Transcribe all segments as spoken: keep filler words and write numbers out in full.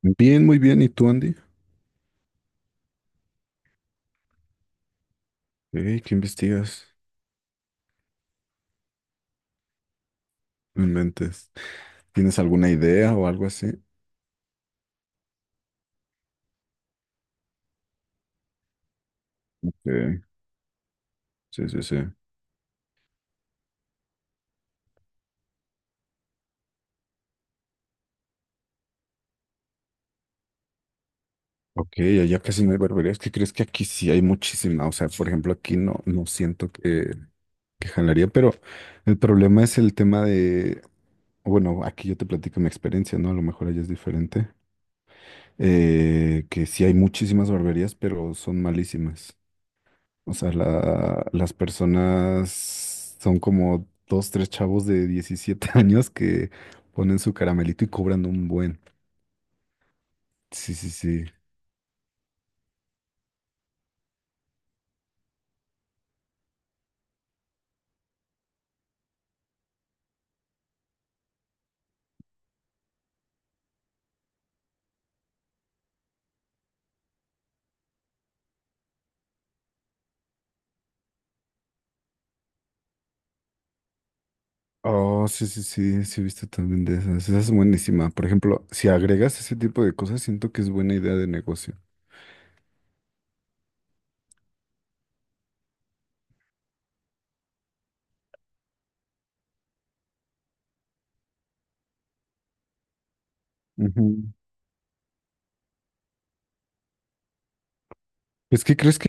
Bien, muy bien. ¿Y tú, Andy? Ey, ¿qué investigas? No inventes. ¿Tienes alguna idea o algo así? Eh, sí, sí, sí. Ok, allá casi no hay barberías. ¿Qué crees que aquí sí hay muchísima? O sea, por ejemplo, aquí no, no siento que, que jalaría, pero el problema es el tema de, bueno, aquí yo te platico mi experiencia, ¿no? A lo mejor allá es diferente. Eh, que sí hay muchísimas barberías, pero son malísimas. O sea, la- las personas son como dos, tres chavos de diecisiete años que ponen su caramelito y cobran un buen. Sí, sí, sí. Oh, sí, sí, sí, sí, he visto también de esas. Esa es buenísima. Por ejemplo, si agregas ese tipo de cosas, siento que es buena idea de negocio. Ujú. Pues, ¿qué crees que?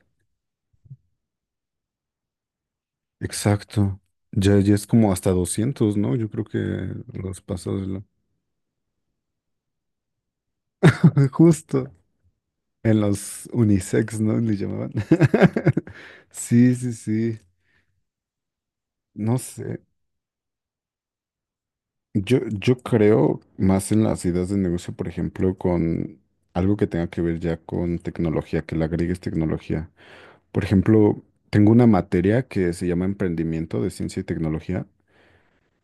Exacto. Ya, ya es como hasta doscientos, ¿no? Yo creo que los pasos de la- justo. En los unisex, ¿no? Le llamaban. Sí, sí, sí. No sé, yo, yo creo más en las ideas de negocio, por ejemplo, con algo que tenga que ver ya con tecnología, que le agregues tecnología. Por ejemplo, tengo una materia que se llama Emprendimiento de Ciencia y Tecnología,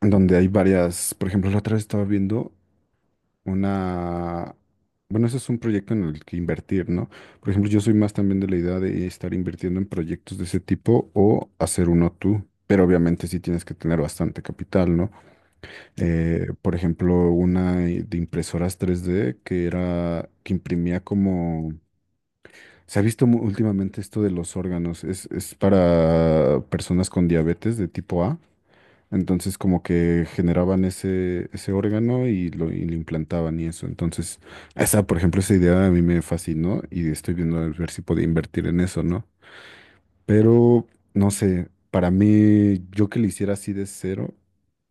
donde hay varias, por ejemplo, la otra vez estaba viendo una, bueno, ese es un proyecto en el que invertir, ¿no? Por ejemplo, yo soy más también de la idea de estar invirtiendo en proyectos de ese tipo o hacer uno tú, pero obviamente sí tienes que tener bastante capital, ¿no? Eh, por ejemplo, una de impresoras tres D que era, que imprimía como, se ha visto mu- últimamente esto de los órganos, es, es para personas con diabetes de tipo A, entonces como que generaban ese, ese órgano y lo, y lo implantaban y eso, entonces esa, por ejemplo, esa idea a mí me fascinó y estoy viendo a ver si podía invertir en eso, ¿no? Pero, no sé, para mí, yo que lo hiciera así de cero.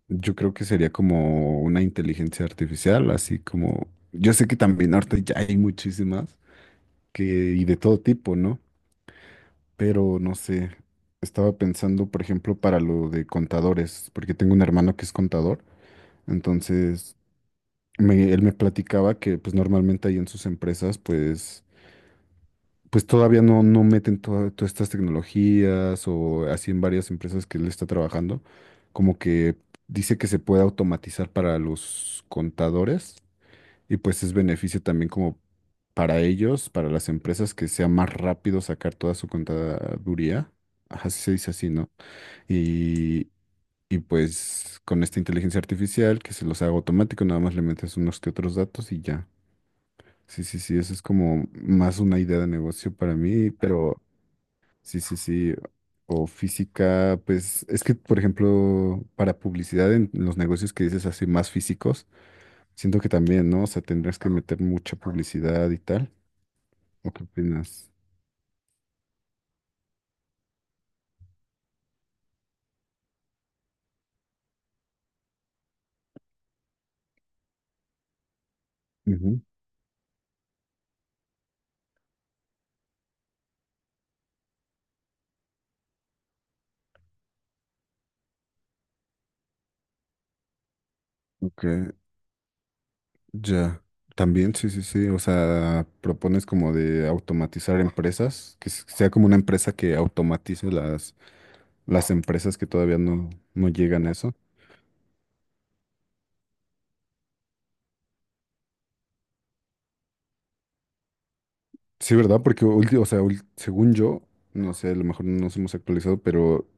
Yo creo que sería como una inteligencia artificial, así como... Yo sé que también ahorita ya hay muchísimas que, y de todo tipo, ¿no? Pero no sé, estaba pensando, por ejemplo, para lo de contadores, porque tengo un hermano que es contador, entonces me- él me platicaba que pues normalmente ahí en sus empresas pues... Pues todavía no, no meten toda- todas estas tecnologías o así en varias empresas que él está trabajando, como que dice que se puede automatizar para los contadores. Y pues es beneficio también como para ellos, para las empresas, que sea más rápido sacar toda su contaduría. Ajá, sí se dice así, ¿no? Y, y pues con esta inteligencia artificial que se los haga automático, nada más le metes unos que otros datos y ya. Sí, sí, sí, eso es como más una idea de negocio para mí, pero sí, sí, sí. O física, pues es que, por ejemplo, para publicidad en los negocios que dices así más físicos. Siento que también, ¿no? O sea, tendrías que meter mucha publicidad y tal. ¿O qué opinas? Ujú. Ok, ya. También, sí, sí, sí. O sea, propones como de automatizar empresas, que s- sea como una empresa que automatice las, las empresas que todavía no, no llegan a eso. Sí, ¿verdad? Porque, ulti- o sea, ul- según yo, no sé, a lo mejor no nos hemos actualizado, pero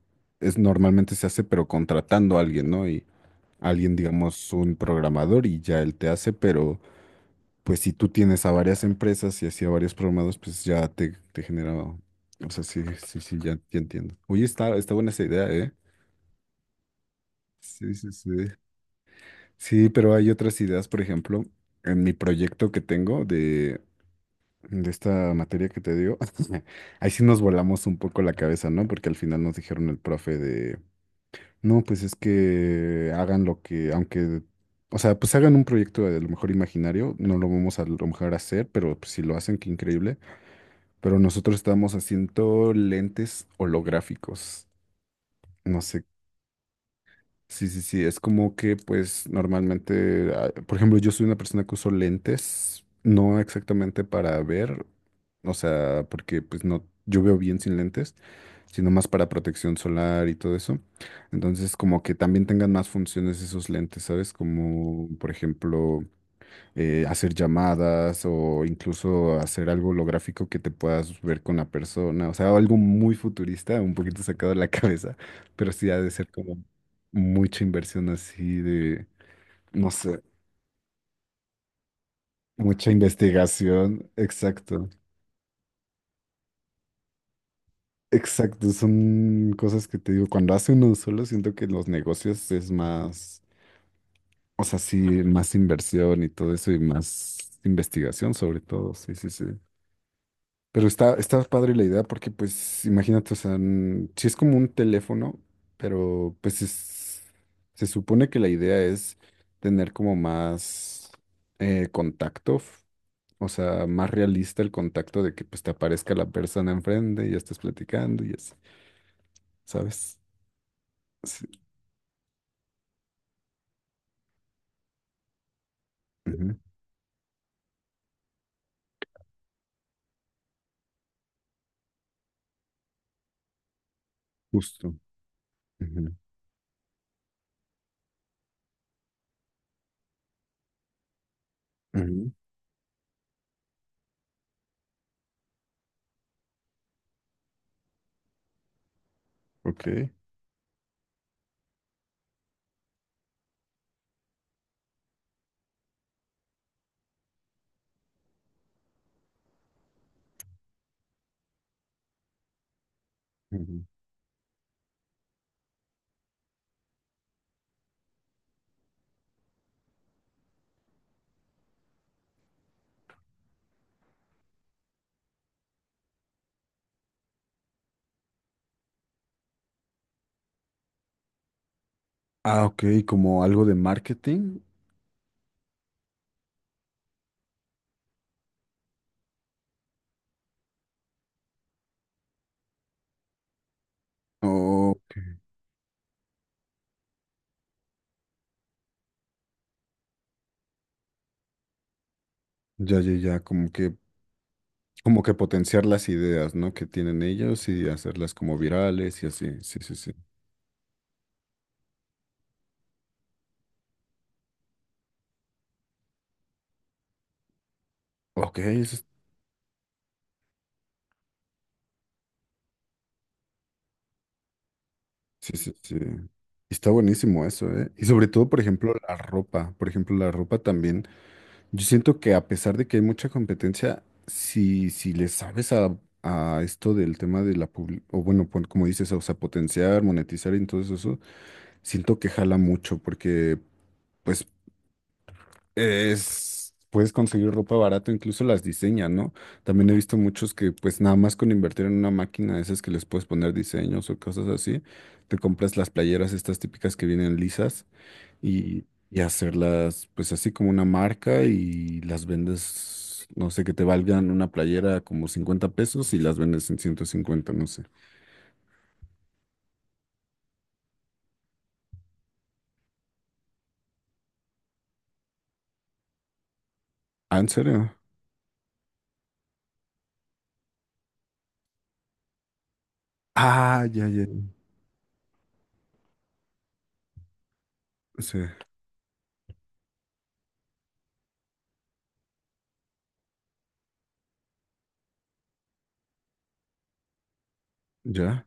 es normalmente se hace, pero contratando a alguien, ¿no? Y alguien, digamos, un programador y ya él te hace, pero pues si tú tienes a varias empresas y así a varios programados, pues ya te, te genera, o sea, sí, sí, sí, ya, ya entiendo. Oye, está, está buena esa idea, ¿eh? Sí, sí, sí. Sí, pero hay otras ideas, por ejemplo, en mi proyecto que tengo de, de esta materia que te digo, ahí sí nos volamos un poco la cabeza, ¿no? Porque al final nos dijeron el profe de, no, pues es que hagan lo que, aunque... O sea, pues hagan un proyecto de, lo mejor imaginario, no lo vamos a, a lo mejor a hacer, pero pues, si lo hacen, qué increíble. Pero nosotros estábamos haciendo lentes holográficos. No sé. Sí, sí, sí. Es como que, pues, normalmente, ah, por ejemplo, yo soy una persona que uso lentes, no exactamente para ver, o sea, porque pues no, yo veo bien sin lentes, sino más para protección solar y todo eso. Entonces, como que también tengan más funciones esos lentes, ¿sabes? Como, por ejemplo, eh, hacer llamadas o incluso hacer algo holográfico que te puedas ver con la persona. O sea, algo muy futurista, un poquito sacado de la cabeza, pero sí ha de ser como mucha inversión así de, no sé, mucha investigación. Exacto. Exacto, son cosas que te digo, cuando hace uno solo siento que los negocios es más, o sea, sí, más inversión y todo eso y más investigación sobre todo, sí, sí, sí. Pero está, está padre la idea porque, pues, imagínate, o sea, mm, sí es como un teléfono, pero pues es- se supone que la idea es tener como más eh, contacto, f- o sea, más realista el contacto de que pues te aparezca la persona enfrente y ya estás platicando y así, ¿sabes? Sí, ujú, justo. Ujú, ujú, ok. Ujú. Ah, ok, como algo de marketing. O ya, ya, ya, como que. Como que potenciar las ideas, ¿no? Que tienen ellos y hacerlas como virales y así. Sí, sí, sí. Ok, eso es- sí, sí, sí. Está buenísimo eso, ¿eh? Y sobre todo, por ejemplo, la ropa. Por ejemplo, la ropa también. Yo siento que a pesar de que hay mucha competencia, si, si le sabes a, a esto del tema de la publi- o bueno, pon- como dices, o sea, potenciar, monetizar y todo eso, siento que jala mucho porque, pues es, puedes conseguir ropa barato, incluso las diseñan, ¿no? También he visto muchos que pues nada más con invertir en una máquina de esas que les puedes poner diseños o cosas así, te compras las playeras estas típicas que vienen lisas y, y hacerlas pues así como una marca y las vendes, no sé, que te valgan una playera como cincuenta pesos y las vendes en ciento cincuenta no sé. Ah, ¿en serio? Ah, ya, ya. Sí, ya.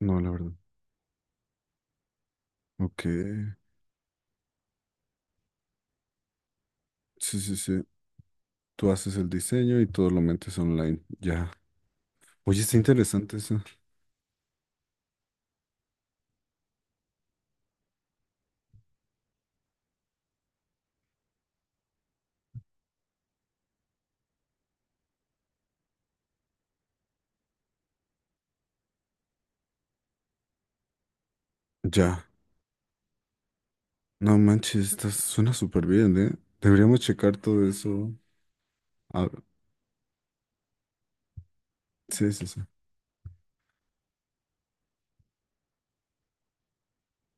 No, la verdad. Ok. Sí, sí, sí. Tú haces el diseño y todo lo metes online. Ya. Oye, está interesante eso. Ya. No manches, está, suena súper bien, ¿eh? Deberíamos checar todo eso. Ah, sí, sí, sí.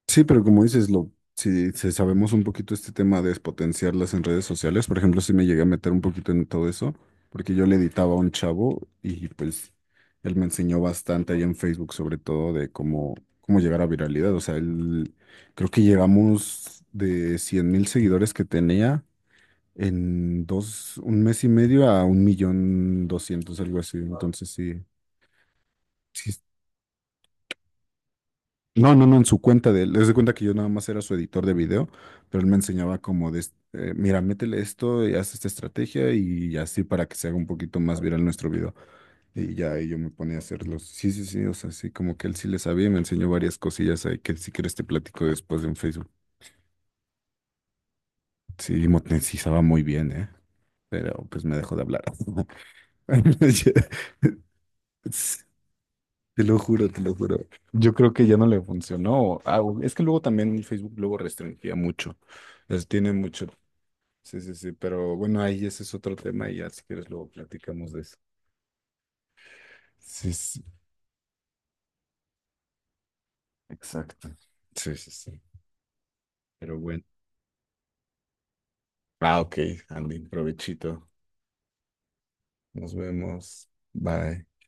Sí, pero como dices, lo, si, si sabemos un poquito este tema de potenciarlas en redes sociales, por ejemplo, si me llegué a meter un poquito en todo eso, porque yo le editaba a un chavo y pues él me enseñó bastante ahí en Facebook, sobre todo de cómo, cómo llegar a viralidad. O sea, él, creo que llegamos de cien mil seguidores que tenía en dos, un mes y medio a un millón doscientos, algo así. Entonces sí, sí es- no, no, no, en su cuenta de él. Les de cuenta que yo nada más era su editor de video, pero él me enseñaba como de, es- eh, mira, métele esto y haz esta estrategia y así para que se haga un poquito más viral nuestro video. Y ya ahí yo me ponía a hacerlos. Sí, sí, sí, o sea, sí, como que él sí le sabía y me enseñó varias cosillas ahí que si quieres te platico después en Facebook. Sí, monetizaba muy bien, ¿eh? Pero pues me dejó de hablar. Te lo juro, te lo juro. Yo creo que ya no le funcionó. Ah, u- es que luego también el Facebook luego restringía mucho. Las tiene mucho. Sí, sí, sí. Pero bueno, ahí ese es otro tema y ya si quieres luego platicamos de eso. Sí, sí, exacto. Sí, sí, sí. Pero bueno. Ah, ok, Andy, provechito. Nos vemos. Bye.